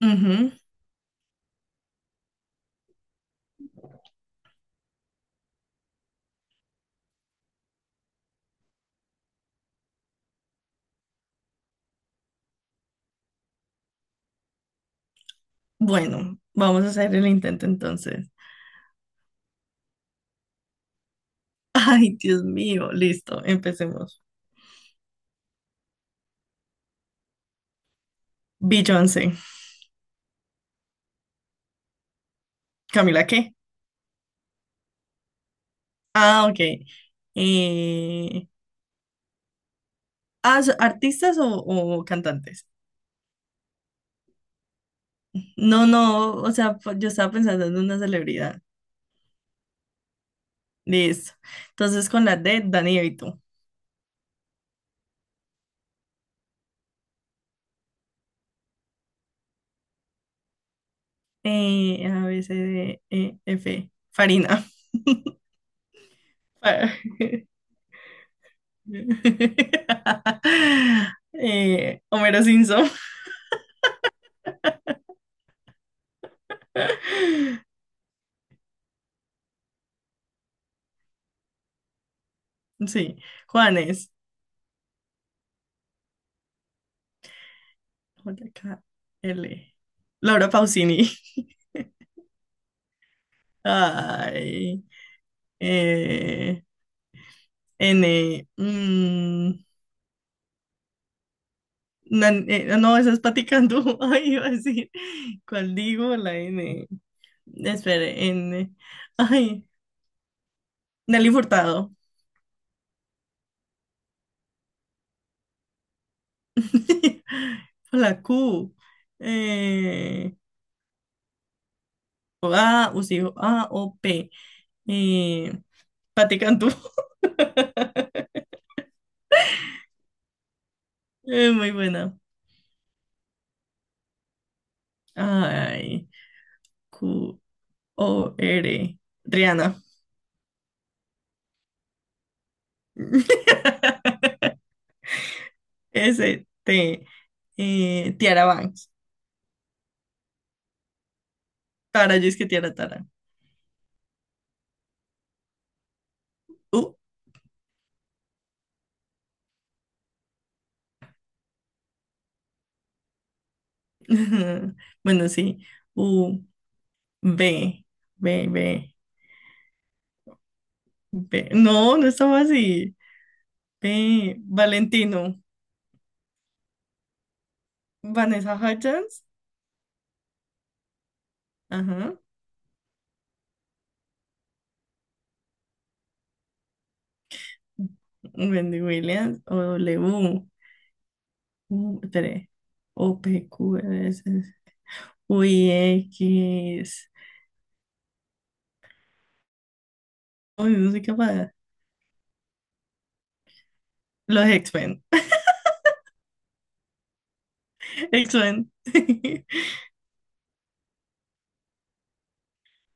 Ujú. Bueno, vamos a hacer el intento entonces. Ay, Dios mío, listo, empecemos. Beyoncé. ¿Camila qué? Ah, ok. Eh, artistas o, cantantes? No, no, o sea, yo estaba pensando en una celebridad. Listo. Entonces con la D, Dani Evito. A, B, C, D, E, F. Farina. Fa- Homero Simpson. Sí, Juanes, J K L, Laura Pausini, ay, eh, N, no, esa es Paticandú, ay, iba a decir, ¿cuál digo? La N, espere, N, ay, Nelly Furtado, la Q, eh, A, o sí, A, O, P, eh, Paticandú, muy buena, ay. Q-O-R. Rihanna. S-T. Tiara Banks. Tara, yo es que Tiara Tara. U. Bueno, sí. U. B. B, B, B. No, no estaba así. B. Valentino. Vanessa Hudgens. Ajá. Wendy Williams. O W. U. 3 O. P. Q. R. S, U. I. X. Uy, no soy capaz. Los X-Men. X-Men.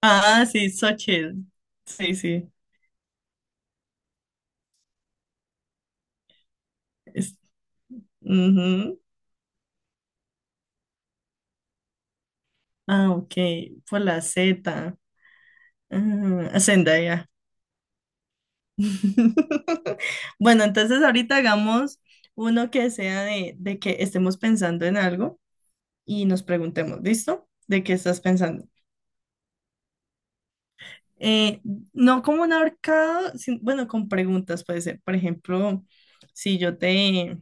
Ah, sí, So Chill. Sí, sí. Es- ujú. Ah, ok. Por la Z. Ah, Zendaya. Bueno, entonces ahorita hagamos uno que sea de que estemos pensando en algo y nos preguntemos, ¿listo? ¿De qué estás pensando? Eh, no como un ahorcado, bueno, con preguntas puede ser. Por ejemplo, si yo te,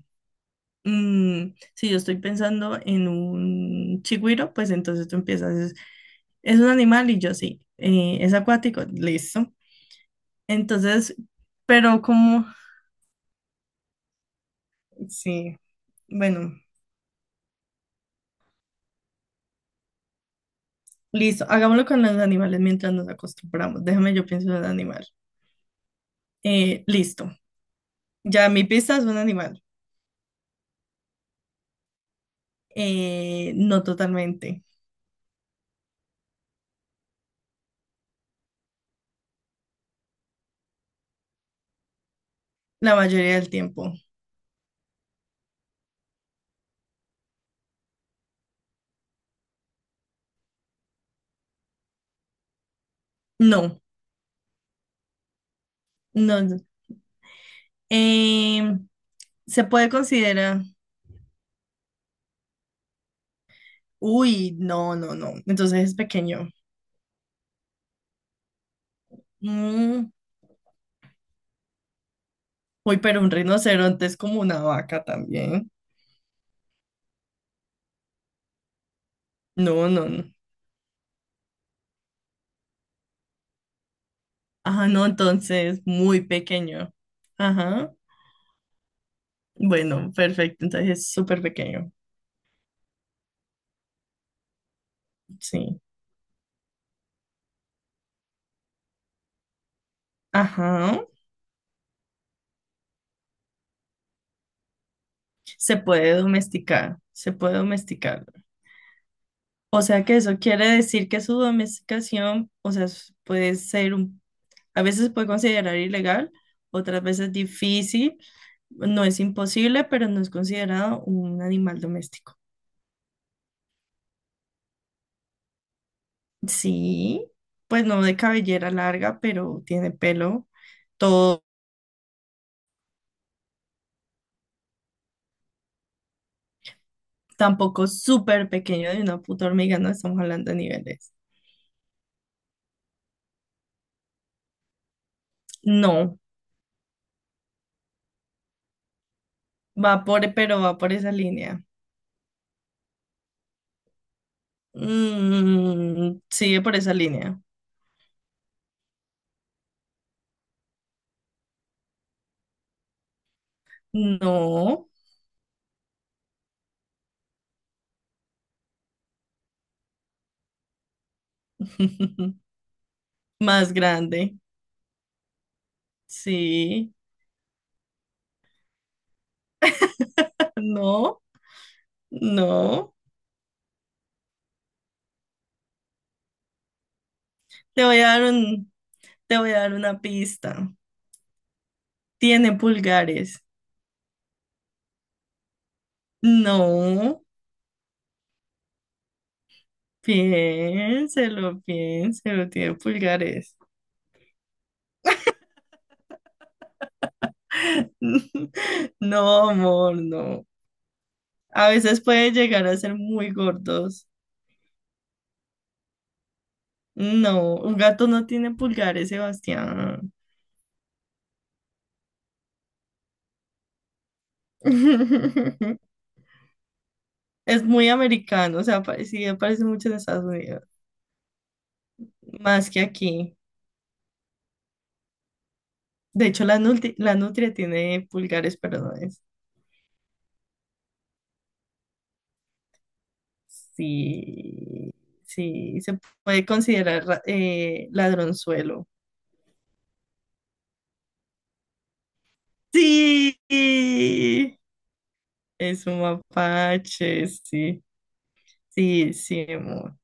Mm, si yo estoy pensando en un chigüiro, pues entonces tú empiezas, es un animal y yo sí, es acuático, listo. Entonces, pero como, sí, bueno, listo, hagámoslo con los animales mientras nos acostumbramos. Déjame, yo pienso en un animal. Listo, ya mi pista es un animal. No totalmente, la mayoría del tiempo. No, no. Em, se puede considerar, uy, no, no, no, entonces es pequeño. Mm, uy, pero un rinoceronte es como una vaca también. No, no, no. Ah, no, entonces muy pequeño. Ajá. Bueno, perfecto. Entonces es súper pequeño. Sí. Ajá. Se puede domesticar. Se puede domesticar. O sea que eso quiere decir que su domesticación, o sea, puede ser un, a veces se puede considerar ilegal, otras veces difícil. No es imposible, pero no es considerado un animal doméstico. Sí, pues no de cabellera larga, pero tiene pelo. Todo tampoco súper pequeño de una puta hormiga, no estamos hablando de niveles. No, va por, pero va por esa línea. Mm, sigue por esa línea. No, más grande. Sí, no, no. Te voy a dar un, te voy a dar una pista. Tiene pulgares. No. Piénselo, piénselo, tiene pulgares. No, amor, no. A veces puede llegar a ser muy gordos. No, un gato no tiene pulgares, Sebastián. Es muy americano, o sea, sí aparece mucho en Estados Unidos, más que aquí. De hecho, la nutria tiene pulgares, pero no es. Sí, sí, se puede considerar ladronzuelo. Sí. Es un mapache, sí. Sí, sí, amor.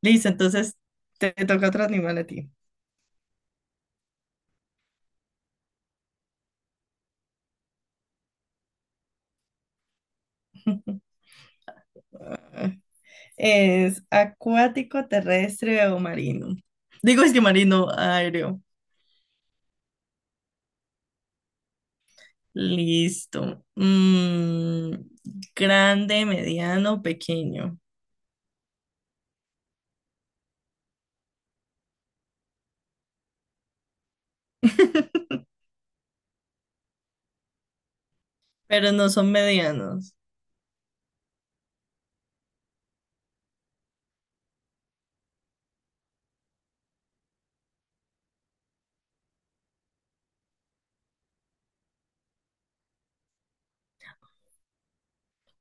Listo, entonces te toca otro animal a ti. ¿Es acuático, terrestre o marino? Digo, es que marino, aéreo. Listo. Mm, grande, mediano, pequeño. Pero no son medianos.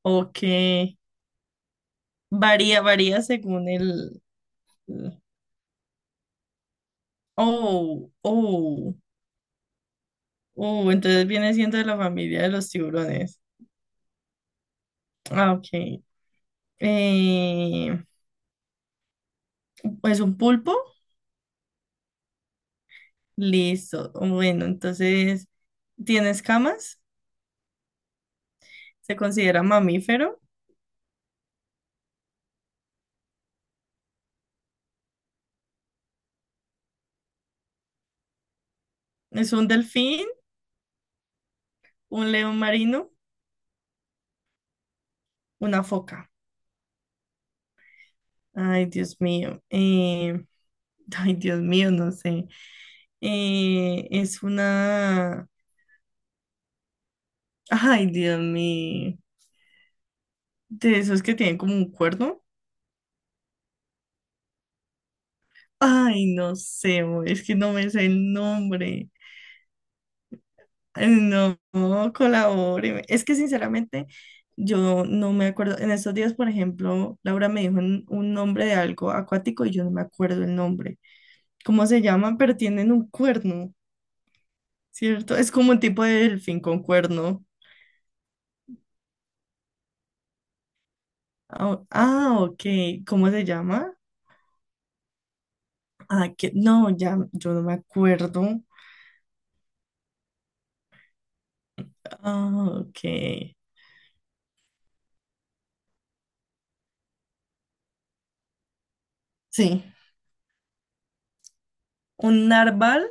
Ok. Varía, varía según el... Oh, oh. Entonces viene siendo de la familia de los tiburones. Ah, ok. Eh, ¿Es un pulpo, listo. Bueno, entonces tiene escamas, se considera mamífero, es un delfín, un león marino, una foca. Ay, Dios mío. Ay, Dios mío, no sé. Es una... Ay, Dios mío. De esos que tienen como un cuerno. Ay, no sé, es que no me sé el nombre. No, colabore. Es que sinceramente yo no me acuerdo. En estos días, por ejemplo, Laura me dijo un nombre de algo acuático y yo no me acuerdo el nombre. ¿Cómo se llaman? Pero tienen un cuerno, ¿cierto? Es como un tipo de delfín con cuerno. Ok. ¿Cómo se llama? Ah, que no, ya, yo no me acuerdo. Ah, ok. Sí. ¿Un narval?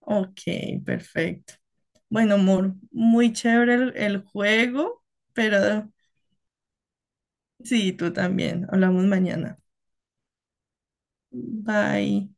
Ok, perfecto. Bueno, amor, muy chévere el juego, pero sí, tú también. Hablamos mañana. Bye.